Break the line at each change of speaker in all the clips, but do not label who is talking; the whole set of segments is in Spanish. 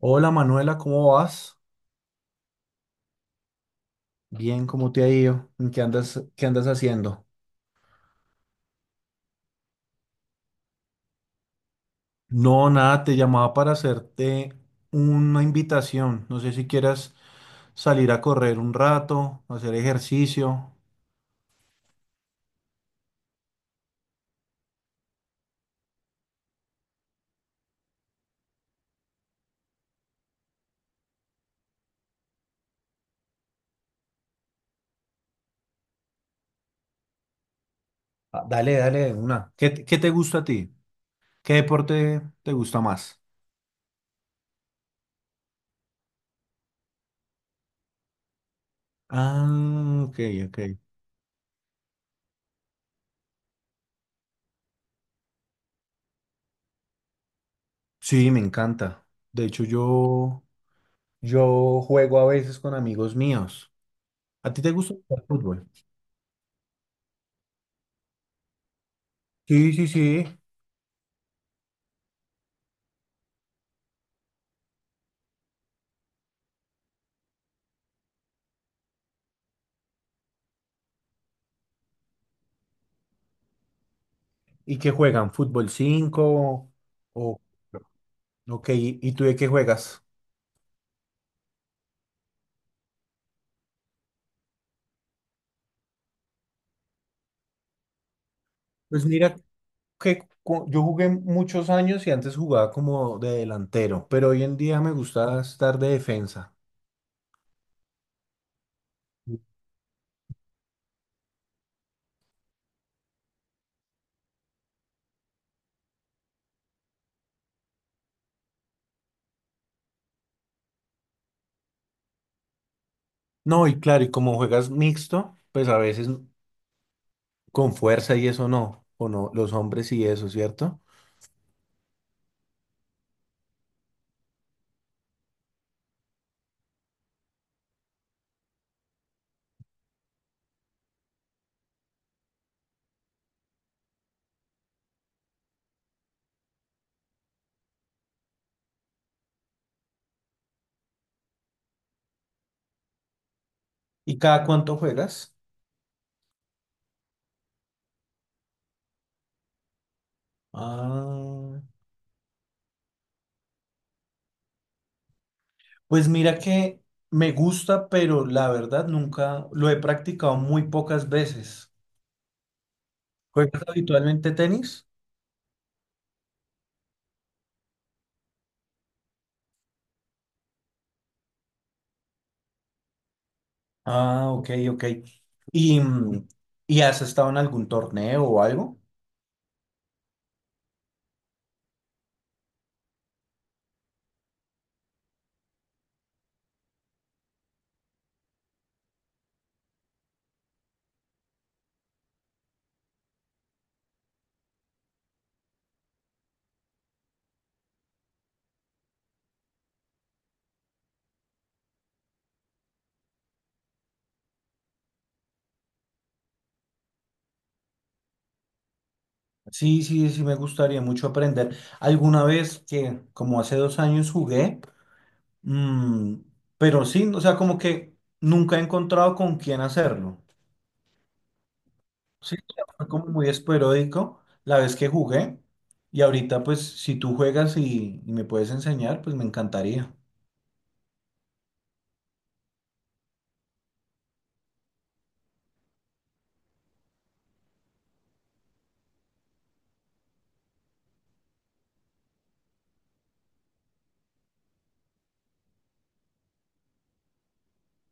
Hola Manuela, ¿cómo vas? Bien, ¿cómo te ha ido? ¿Qué andas haciendo? No, nada, te llamaba para hacerte una invitación. No sé si quieras salir a correr un rato, hacer ejercicio. Ah, dale, dale, de una. ¿Qué te gusta a ti? ¿Qué deporte te gusta más? Ah, ok, ok. Sí, me encanta. De hecho, yo juego a veces con amigos míos. ¿A ti te gusta el fútbol? Sí, sí, sí. ¿Y qué juegan? ¿Fútbol 5 o, ok, ¿y tú de qué juegas? Pues mira que yo jugué muchos años y antes jugaba como de delantero, pero hoy en día me gusta estar de defensa. No, y claro, y como juegas mixto, pues a veces con fuerza y eso no, o no, los hombres y eso, ¿cierto? ¿Y cada cuánto juegas? Ah, pues mira que me gusta, pero la verdad nunca lo he practicado, muy pocas veces. ¿Juegas habitualmente tenis? Ah, ok, ok. ¿Y, y has estado en algún torneo o algo? Sí, sí, sí, me gustaría mucho aprender. Alguna vez que, como hace dos años, jugué, mm, pero sí, o sea, como que nunca he encontrado con quién hacerlo. Sí, fue como muy esporádico la vez que jugué. Y ahorita, pues, si tú juegas y me puedes enseñar, pues me encantaría.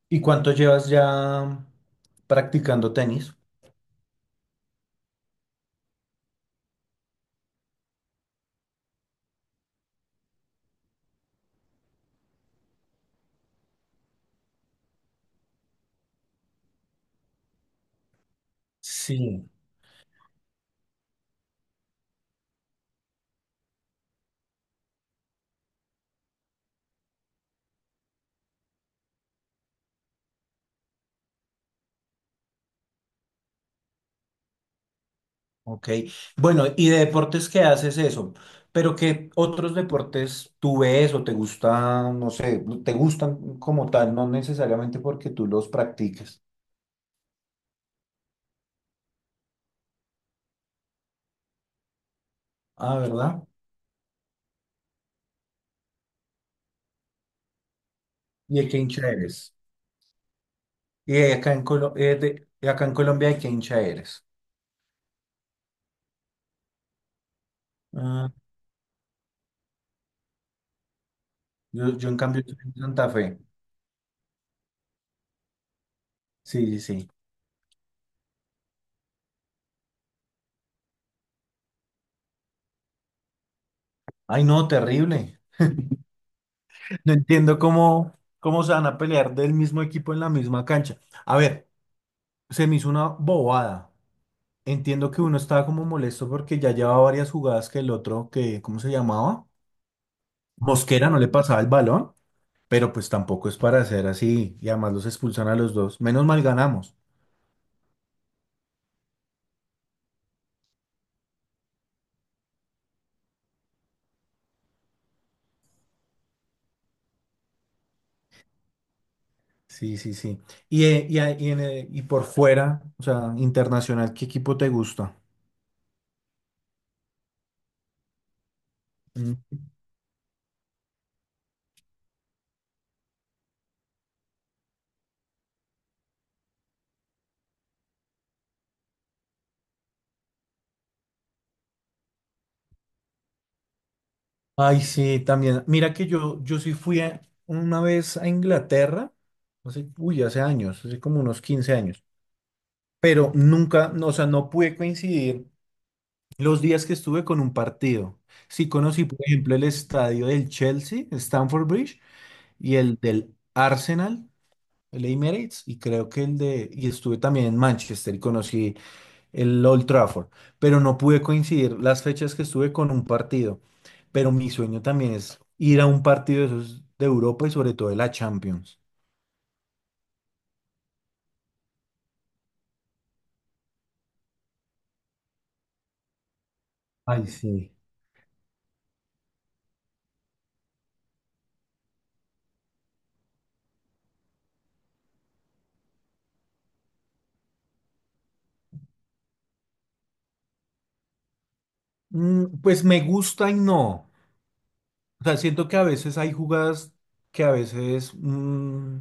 ¿Y cuánto llevas ya practicando tenis? Sí. Ok, bueno, ¿y de deportes qué haces eso? Pero ¿qué otros deportes tú ves o te gustan, no sé, te gustan como tal, no necesariamente porque tú los practiques? Ah, ¿verdad? ¿Y de qué hincha eres? ¿Y de acá en Colombia de qué hincha eres? Ah, yo en cambio soy de Santa Fe. Sí, sí, sí. Ay, no, terrible. No entiendo cómo, cómo se van a pelear del mismo equipo en la misma cancha. A ver, se me hizo una bobada. Entiendo que uno estaba como molesto porque ya llevaba varias jugadas que el otro, que, ¿cómo se llamaba? Mosquera no le pasaba el balón, pero pues tampoco es para hacer así y además los expulsan a los dos. Menos mal ganamos. Sí, sí, sí. Y por fuera, o sea, internacional, ¿qué equipo te gusta? Mm. Ay, sí, también. Mira que yo sí una vez a Inglaterra, hace, uy, hace años, hace como unos 15 años, pero nunca, no, o sea, no pude coincidir los días que estuve con un partido. Sí conocí, por ejemplo, el estadio del Chelsea, Stamford Bridge, y el del Arsenal, el Emirates, y creo que el de... Y estuve también en Manchester y conocí el Old Trafford, pero no pude coincidir las fechas que estuve con un partido. Pero mi sueño también es ir a un partido de esos de Europa y sobre todo de la Champions. Ay, sí. Pues me gusta y no. O sea, siento que a veces hay jugadas que a veces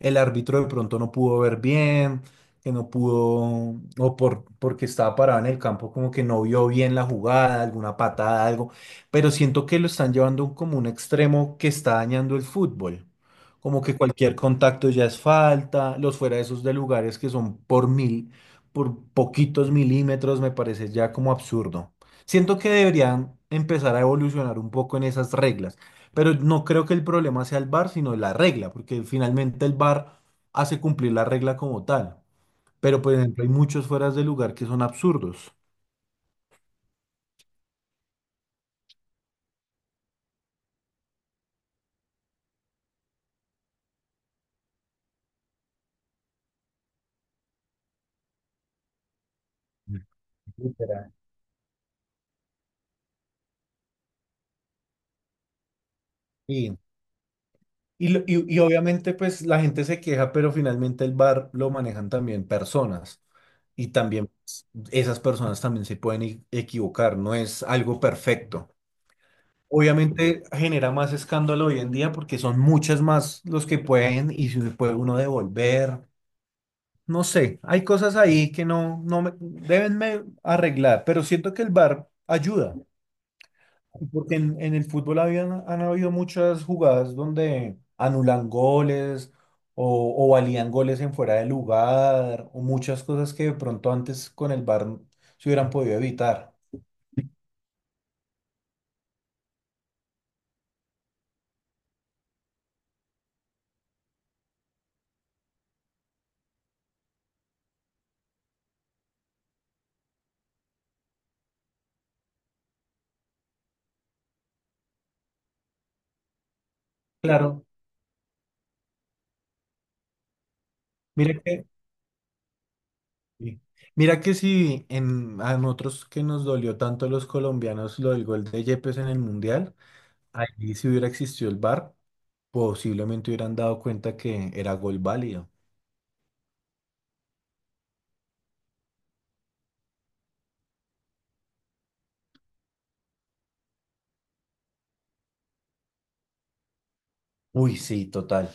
el árbitro de pronto no pudo ver bien, que no pudo, o por, porque estaba parado en el campo, como que no vio bien la jugada, alguna patada, algo. Pero siento que lo están llevando como un extremo que está dañando el fútbol. Como que cualquier contacto ya es falta, los fuera de esos de lugares que son por mil, por poquitos milímetros, me parece ya como absurdo. Siento que deberían empezar a evolucionar un poco en esas reglas, pero no creo que el problema sea el VAR, sino la regla, porque finalmente el VAR hace cumplir la regla como tal. Pero, por ejemplo, hay muchos fueras de lugar que son absurdos. Literal. Sí. Y, y obviamente, pues la gente se queja, pero finalmente el VAR lo manejan también personas. Y también esas personas también se pueden equivocar, no es algo perfecto. Obviamente genera más escándalo hoy en día porque son muchas más los que pueden y si puede uno devolver. No sé, hay cosas ahí que no, deben arreglar, pero siento que el VAR ayuda, porque en el fútbol habían, han habido muchas jugadas donde anulan goles o valían goles en fuera de lugar o muchas cosas que de pronto antes con el VAR se hubieran podido evitar. Claro, mire que sí. Mira que sí, en, a nosotros que nos dolió tanto los colombianos lo del gol de Yepes en el Mundial, ahí si hubiera existido el VAR, posiblemente hubieran dado cuenta que era gol válido. Uy, sí, total.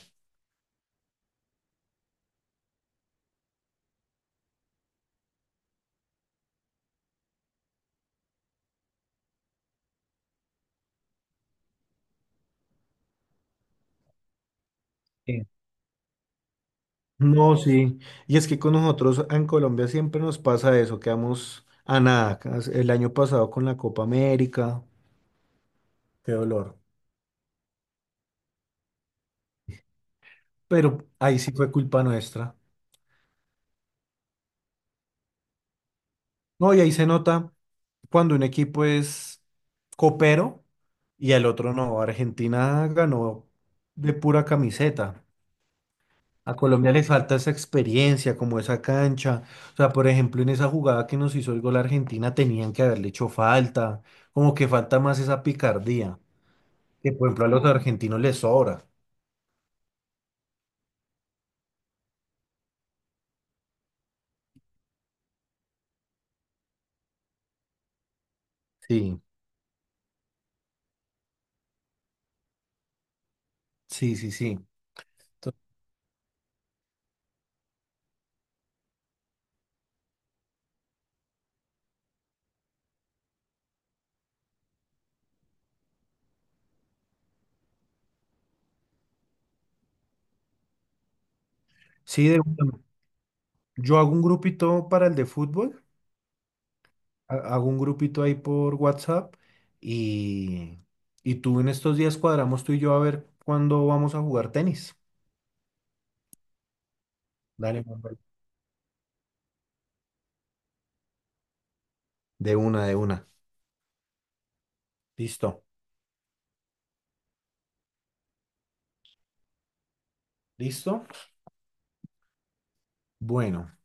Sí. No, sí. Y es que con nosotros en Colombia siempre nos pasa eso, quedamos a nada. El año pasado con la Copa América, qué dolor. Pero ahí sí fue culpa nuestra. No, y ahí se nota cuando un equipo es copero y el otro no. Argentina ganó de pura camiseta. A Colombia le falta esa experiencia, como esa cancha. O sea, por ejemplo, en esa jugada que nos hizo el gol Argentina tenían que haberle hecho falta, como que falta más esa picardía, que por ejemplo a los argentinos les sobra. Sí, sí, sí, sí. Entonces, sí, de una. Yo hago un grupito para el de fútbol, hago un grupito ahí por WhatsApp y, y tú en estos días cuadramos tú y yo a ver cuándo vamos a jugar tenis. Dale, Manuel, de una, de una. Listo, listo. Bueno.